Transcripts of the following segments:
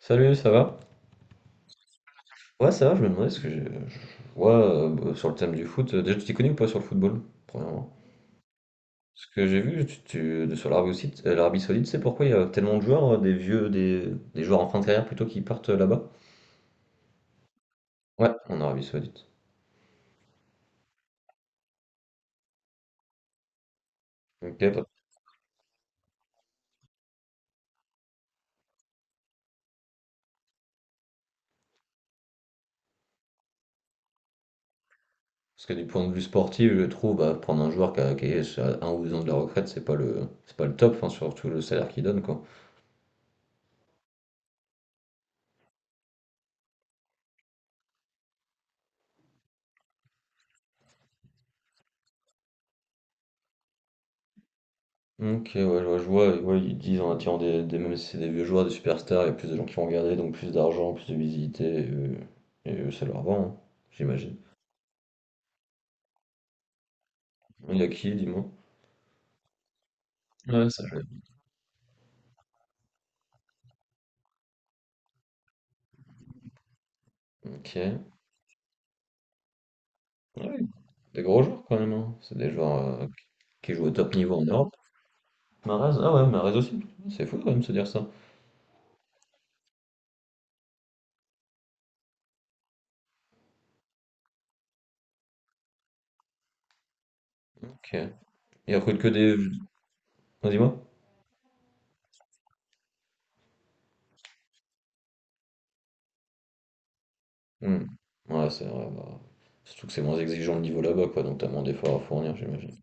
Salut, ça va? Ouais, ça va, je me demandais ce que j'ai- je vois sur le thème du foot. Déjà, tu t'y connais ou pas sur le football, premièrement? Ce que j'ai vu sur l'Arabie Saoudite, c'est pourquoi il y a tellement de joueurs, des vieux, des joueurs en fin de carrière plutôt qui partent là-bas? Ouais, en Arabie Saoudite. Ok, bah, parce que du point de vue sportif, je trouve, bah, prendre un joueur qui, qui est à un ou deux ans de la retraite, c'est pas le top, enfin, surtout le salaire qu'il donne, quoi. OK, ouais, je vois, ouais, ils disent en attirant même si c'est des vieux joueurs, des superstars, il y a plus de gens qui vont regarder, donc plus d'argent, plus de visibilité, et eux, ça leur va, hein, j'imagine. Il y a qui, dis-moi? Ouais, ça joue. Ok. Ouais, des gros joueurs quand même, hein. C'est des joueurs qui jouent au top niveau en Europe. Mahrez, ah ouais, Mahrez aussi. C'est fou quand même de se dire ça. Ok. Il recrute que des. Vas-y, moi. Hmm. Ouais, c'est vrai. Bah, surtout que c'est moins exigeant le niveau là-bas, quoi, donc t'as moins d'efforts à fournir, j'imagine.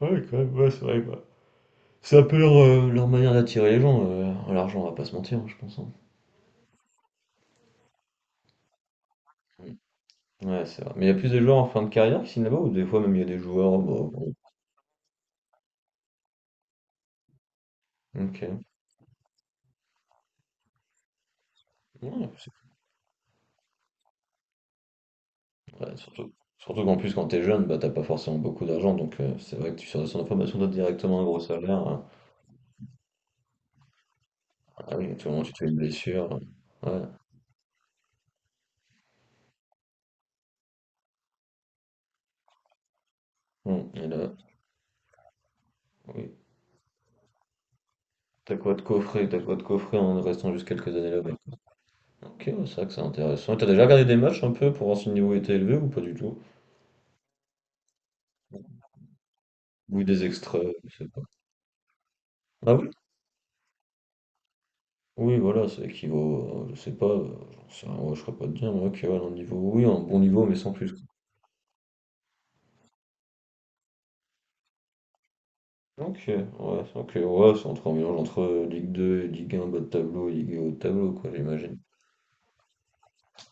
Ouais, quand même, ouais, c'est vrai. Bah, c'est un peu leur, leur manière d'attirer les gens, l'argent, on va pas se mentir, hein, je pense, hein. Ouais, c'est vrai. Mais il y a plus de joueurs en fin de carrière qui signent là-bas ou des fois même il y a des joueurs, bah, bon. OK. Ouais, c'est cool. Ouais, surtout qu'en plus quand t'es jeune, bah, t'as pas forcément beaucoup d'argent donc c'est vrai que tu sors de centre de formation, directement un gros salaire, ah oui, à tout moment tu te fais une blessure, hein. Ouais, mmh et là oui, t'as quoi de coffrer en restant juste quelques années là-bas. OK, ouais, c'est vrai que c'est intéressant et tu déjà regardé des matchs un peu pour voir si le niveau était élevé ou pas du tout? Ou des extraits, je sais pas? Ah oui? Oui, voilà, ça équivaut, je sais pas, j'en sais rien, ouais, je serais pas de dire, moi, que ouais, un niveau, oui, un bon niveau, mais sans plus, quoi. Ok, ouais, ok, ouais, c'est entre un mélange entre Ligue 2 et Ligue un bas de tableau, et Ligue 1 haut de tableau, quoi, j'imagine.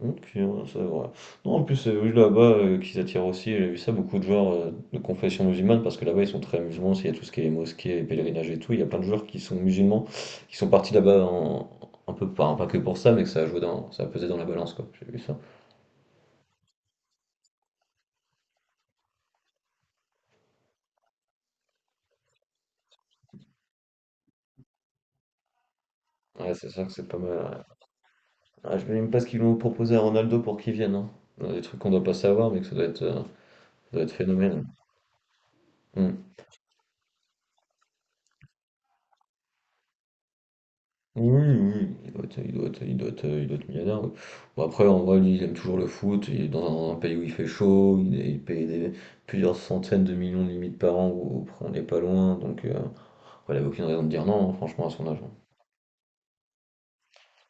Ok, ouais, ça, voilà. Non, en plus, oui, là-bas, qu'ils attirent aussi, j'ai vu ça, beaucoup de joueurs de confession musulmane, parce que là-bas, ils sont très musulmans, s'il y a tout ce qui est mosquée, pèlerinage et tout, il y a plein de joueurs qui sont musulmans, qui sont partis là-bas en- un peu, pas, pas que pour ça, mais que ça a joué dans, ça a pesé dans la balance, quoi, j'ai vu ça. Ouais, c'est ça que c'est pas mal. Ah, je ne même pas ce qu'ils vont proposer à Ronaldo pour qu'il vienne, hein. Il y a des trucs qu'on doit pas savoir, mais que ça doit être phénoménal. Hmm. Oui, oui, oui, oui, il doit être, il doit être millionnaire, oui. Bon, après, en vrai, lui, il aime toujours le foot. Il est dans un pays où il fait chaud. Il paye des plusieurs centaines de millions de limites par an, où on n'est pas loin. Donc, après, il n'avait aucune raison de dire non, hein, franchement, à son âge, hein.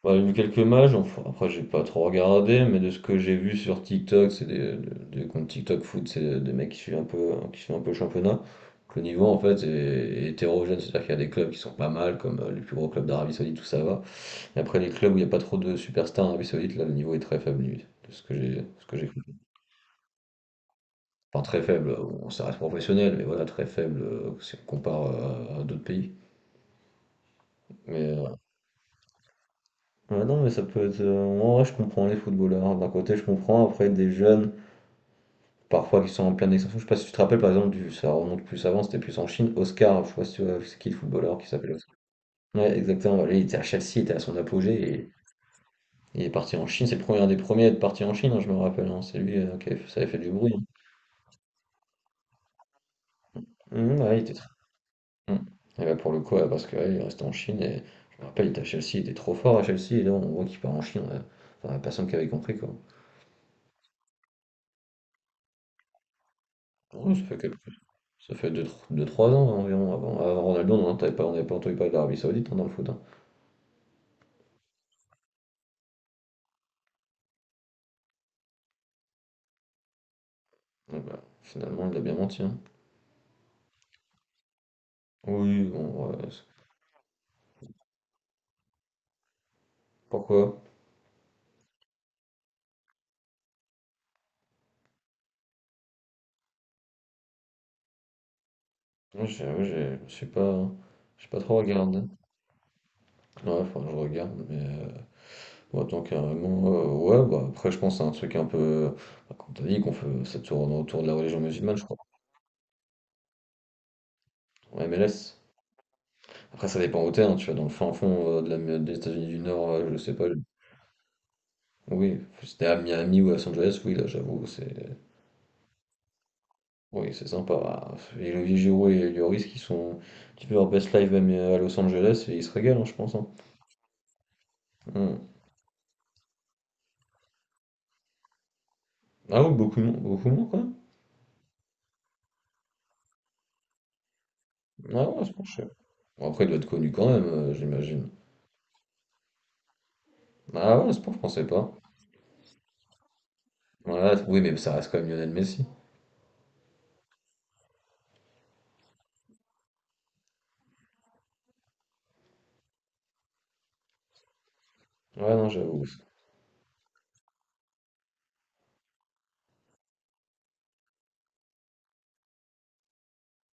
J'en ai vu quelques matchs, enfin, après j'ai pas trop regardé, mais de ce que j'ai vu sur TikTok, c'est des, comptes TikTok foot, c'est des mecs qui suivent un peu le championnat. Donc le niveau en fait est, est hétérogène, c'est-à-dire qu'il y a des clubs qui sont pas mal, comme les plus gros clubs d'Arabie Saoudite, tout ça va. Et après les clubs où il n'y a pas trop de superstars en Arabie Saoudite, là le niveau est très faible limite, de ce que j'ai compris. Enfin très faible, on bon, ça reste professionnel, mais voilà, très faible si on compare à d'autres pays. Mais ouais, non, mais ça peut être. En vrai, je comprends les footballeurs. D'un côté, je comprends. Après, des jeunes, parfois qui sont en pleine extinction. Je sais pas si tu te rappelles par exemple du, ça remonte plus avant, c'était plus en Chine, Oscar, je sais pas si tu vois, c'est qui le footballeur qui s'appelle Oscar. Ouais, exactement, lui, il était à Chelsea, il était à son apogée et il est parti en Chine, c'est le premier un des premiers à être parti en Chine, hein, je me rappelle, hein. C'est lui, ça avait fait du bruit, hein. Mhm, ouais, il était très... Mhm. Et bah, pour le coup, ouais, parce que ouais, il est resté en Chine et je me rappelle, il était à Chelsea, il était trop fort à Chelsea et là on voit qu'il part en Chine, ouais. Enfin, personne qui avait compris quoi. Ouais, ça fait quelques... Ça fait 2-3 ans environ, avant, avant Ronaldo, on avait pas entendu parler d'Arabie Saoudite hein, dans le foot, hein. Ah bah, finalement, il a bien menti, hein. Oui, bon, ouais, c'est- pourquoi? Moi, je suis pas, j'ai pas trop regardé. Ouais, faudrait que je regarde, mais bon, tant carrément, ouais, bah après, je pense à un truc un peu, bah, comme t'as dit, qu'on fait, ça tourne autour de la religion musulmane, je crois, en M L S. Après, ça dépend où t'es, hein, tu vois, dans le fin fond des États-Unis du Nord, je sais pas, je- oui, c'était à Miami ou à Los Angeles, oui, là, j'avoue, c'est oui, c'est sympa. Bah, et Olivier Giroud et Lloris qui sont un petit peu leur best life même à Los Angeles et ils se régalent, hein, je pense, hein. Hmm. Ah oui, beaucoup moins quoi. Ah ouais, c'est bon, je sais. Bon, après, il doit être connu quand même, j'imagine. Ah ouais, c'est bon, je pensais pas. Voilà, oui, mais ça reste quand même Lionel Messi. Ouais, non, j'avoue.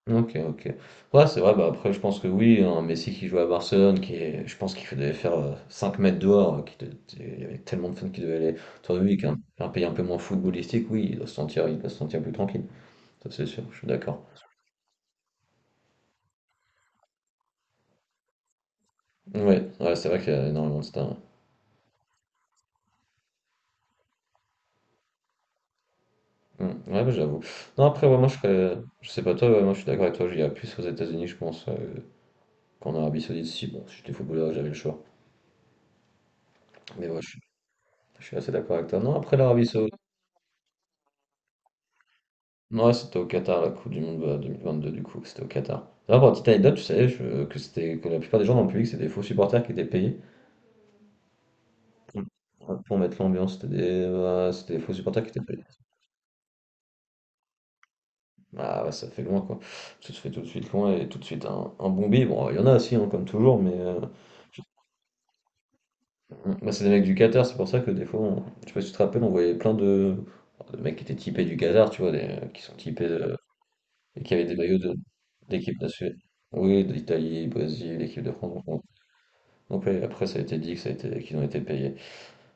Ok, ok. Ouais, c'est vrai, bah après, je pense que oui, un Messi qui joue à Barcelone, qui est, je pense qu'il devait faire 5 mètres dehors, il y avait tellement de fans qui devaient aller autour de lui, qu'un un pays un peu moins footballistique, oui, il doit se sentir plus tranquille. Ça, c'est sûr, je suis d'accord. Ouais, ouais, c'est vrai qu'il y a énormément de stars. Ouais, Mm. Ouais, bah, j'avoue. Non, après, ouais, moi, je serais... Je sais pas toi, ouais, moi, je suis d'accord avec toi, j'irais plus aux États-Unis, je pense, qu'en Arabie Saoudite. Si, bon, si j'étais footballeur, j'avais le choix. Mais ouais, je suis assez d'accord avec toi. Non, après l'Arabie Saoudite. Ouais, c'était au Qatar, la Coupe du Monde bah, 2022, du coup, c'était au Qatar. D'ailleurs, pour la petite anecdote, que, c'était, que la plupart des gens dans le public, c'était des faux supporters qui étaient payés pour mettre l'ambiance. C'était des, bah, c'était des faux supporters qui étaient payés. Ah ouais, ça fait loin quoi. Ça se fait tout de suite loin et tout de suite un bon bide. Bon, il y en a aussi, hein, comme toujours, mais je- bah, c'est des mecs du Qatar, c'est pour ça que des fois, on- je sais pas si tu te rappelles, on voyait plein de mecs qui étaient typés du Qatar, tu vois, des, qui sont typés de- et qui avaient des d'équipe nationale. Oui, d'Italie, Brésil, l'équipe de France. Donc, ouais, après, ça a été dit que ça a été, qu'ils ont été payés.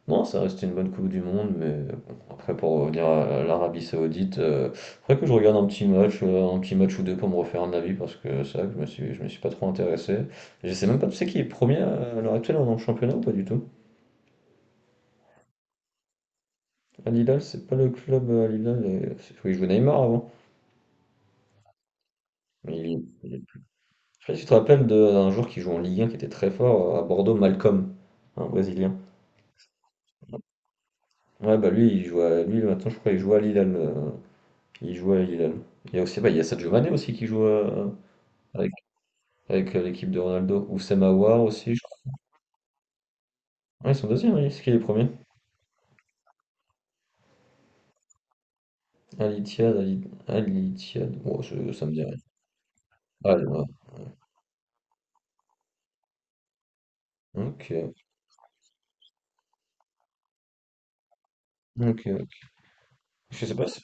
Non, ça reste une bonne Coupe du Monde, mais bon, après pour revenir à l'Arabie Saoudite, faudrait que je regarde un petit match, ou deux pour me refaire un avis parce que ça, je me suis pas trop intéressé. Je sais même pas, tu sais qui est premier à l'heure actuelle dans le championnat ou pas du tout? Al Hilal, c'est pas le club Al Hilal, c'est celui qui jouait Neymar avant. Mais je sais pas si tu te rappelles de- d'un joueur qui joue en Ligue 1 qui était très fort à Bordeaux, Malcolm, un Brésilien. Ouais bah lui il joue à, lui maintenant je crois qu'il joue à Al Hilal, il joue à Al Hilal. Il y a aussi bah, il y a Sadio Mané aussi qui joue à, avec, avec l'équipe de Ronaldo. Ou Aouar aussi, je crois. Ah, ils sont deuxièmes, oui. C'est qui les premiers? Al Ittihad, Al Ittihad. Bon, ça ça me dit rien. Ah, là. Ok. Ok. Je sais pas si.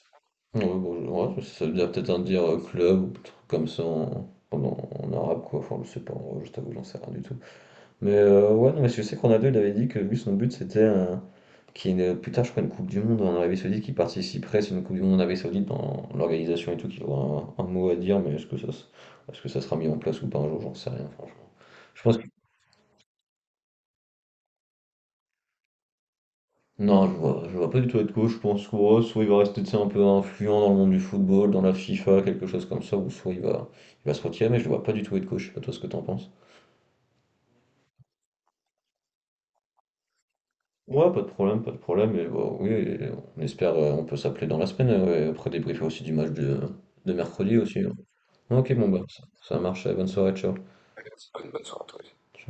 Ouais, bon, je- ouais, ça veut dire peut-être un dire club ou un truc comme ça en arabe, quoi. Enfin, je sais pas. En vrai, je t'avoue, j'en sais rien du tout. Mais ouais, non, mais je sais qu'on a deux, il avait dit que lui, son but, c'était qu'il y ait une- plus tard, je crois, une Coupe du Monde en Arabie Saoudite qui participerait, c'est une Coupe du Monde en Arabie Saoudite dans l'organisation et tout, qu'il aura un mot à dire, mais est-ce que ça sera mis en place ou pas un jour, j'en sais rien, franchement. Je pense que... Non, je vois pas du tout être coach, je pense que ouais, soit il va rester, tu sais, un peu influent dans le monde du football, dans la FIFA, quelque chose comme ça, ou soit il va se retirer, mais je le vois pas du tout être coach, je sais pas toi ce que t'en penses. Ouais, pas de problème, pas de problème. Et bah, oui, et on espère, on peut s'appeler dans la semaine. Ouais, après débriefer aussi du match de mercredi aussi, hein. Ok, bon, bah, ça marche. Bonne soirée, ciao.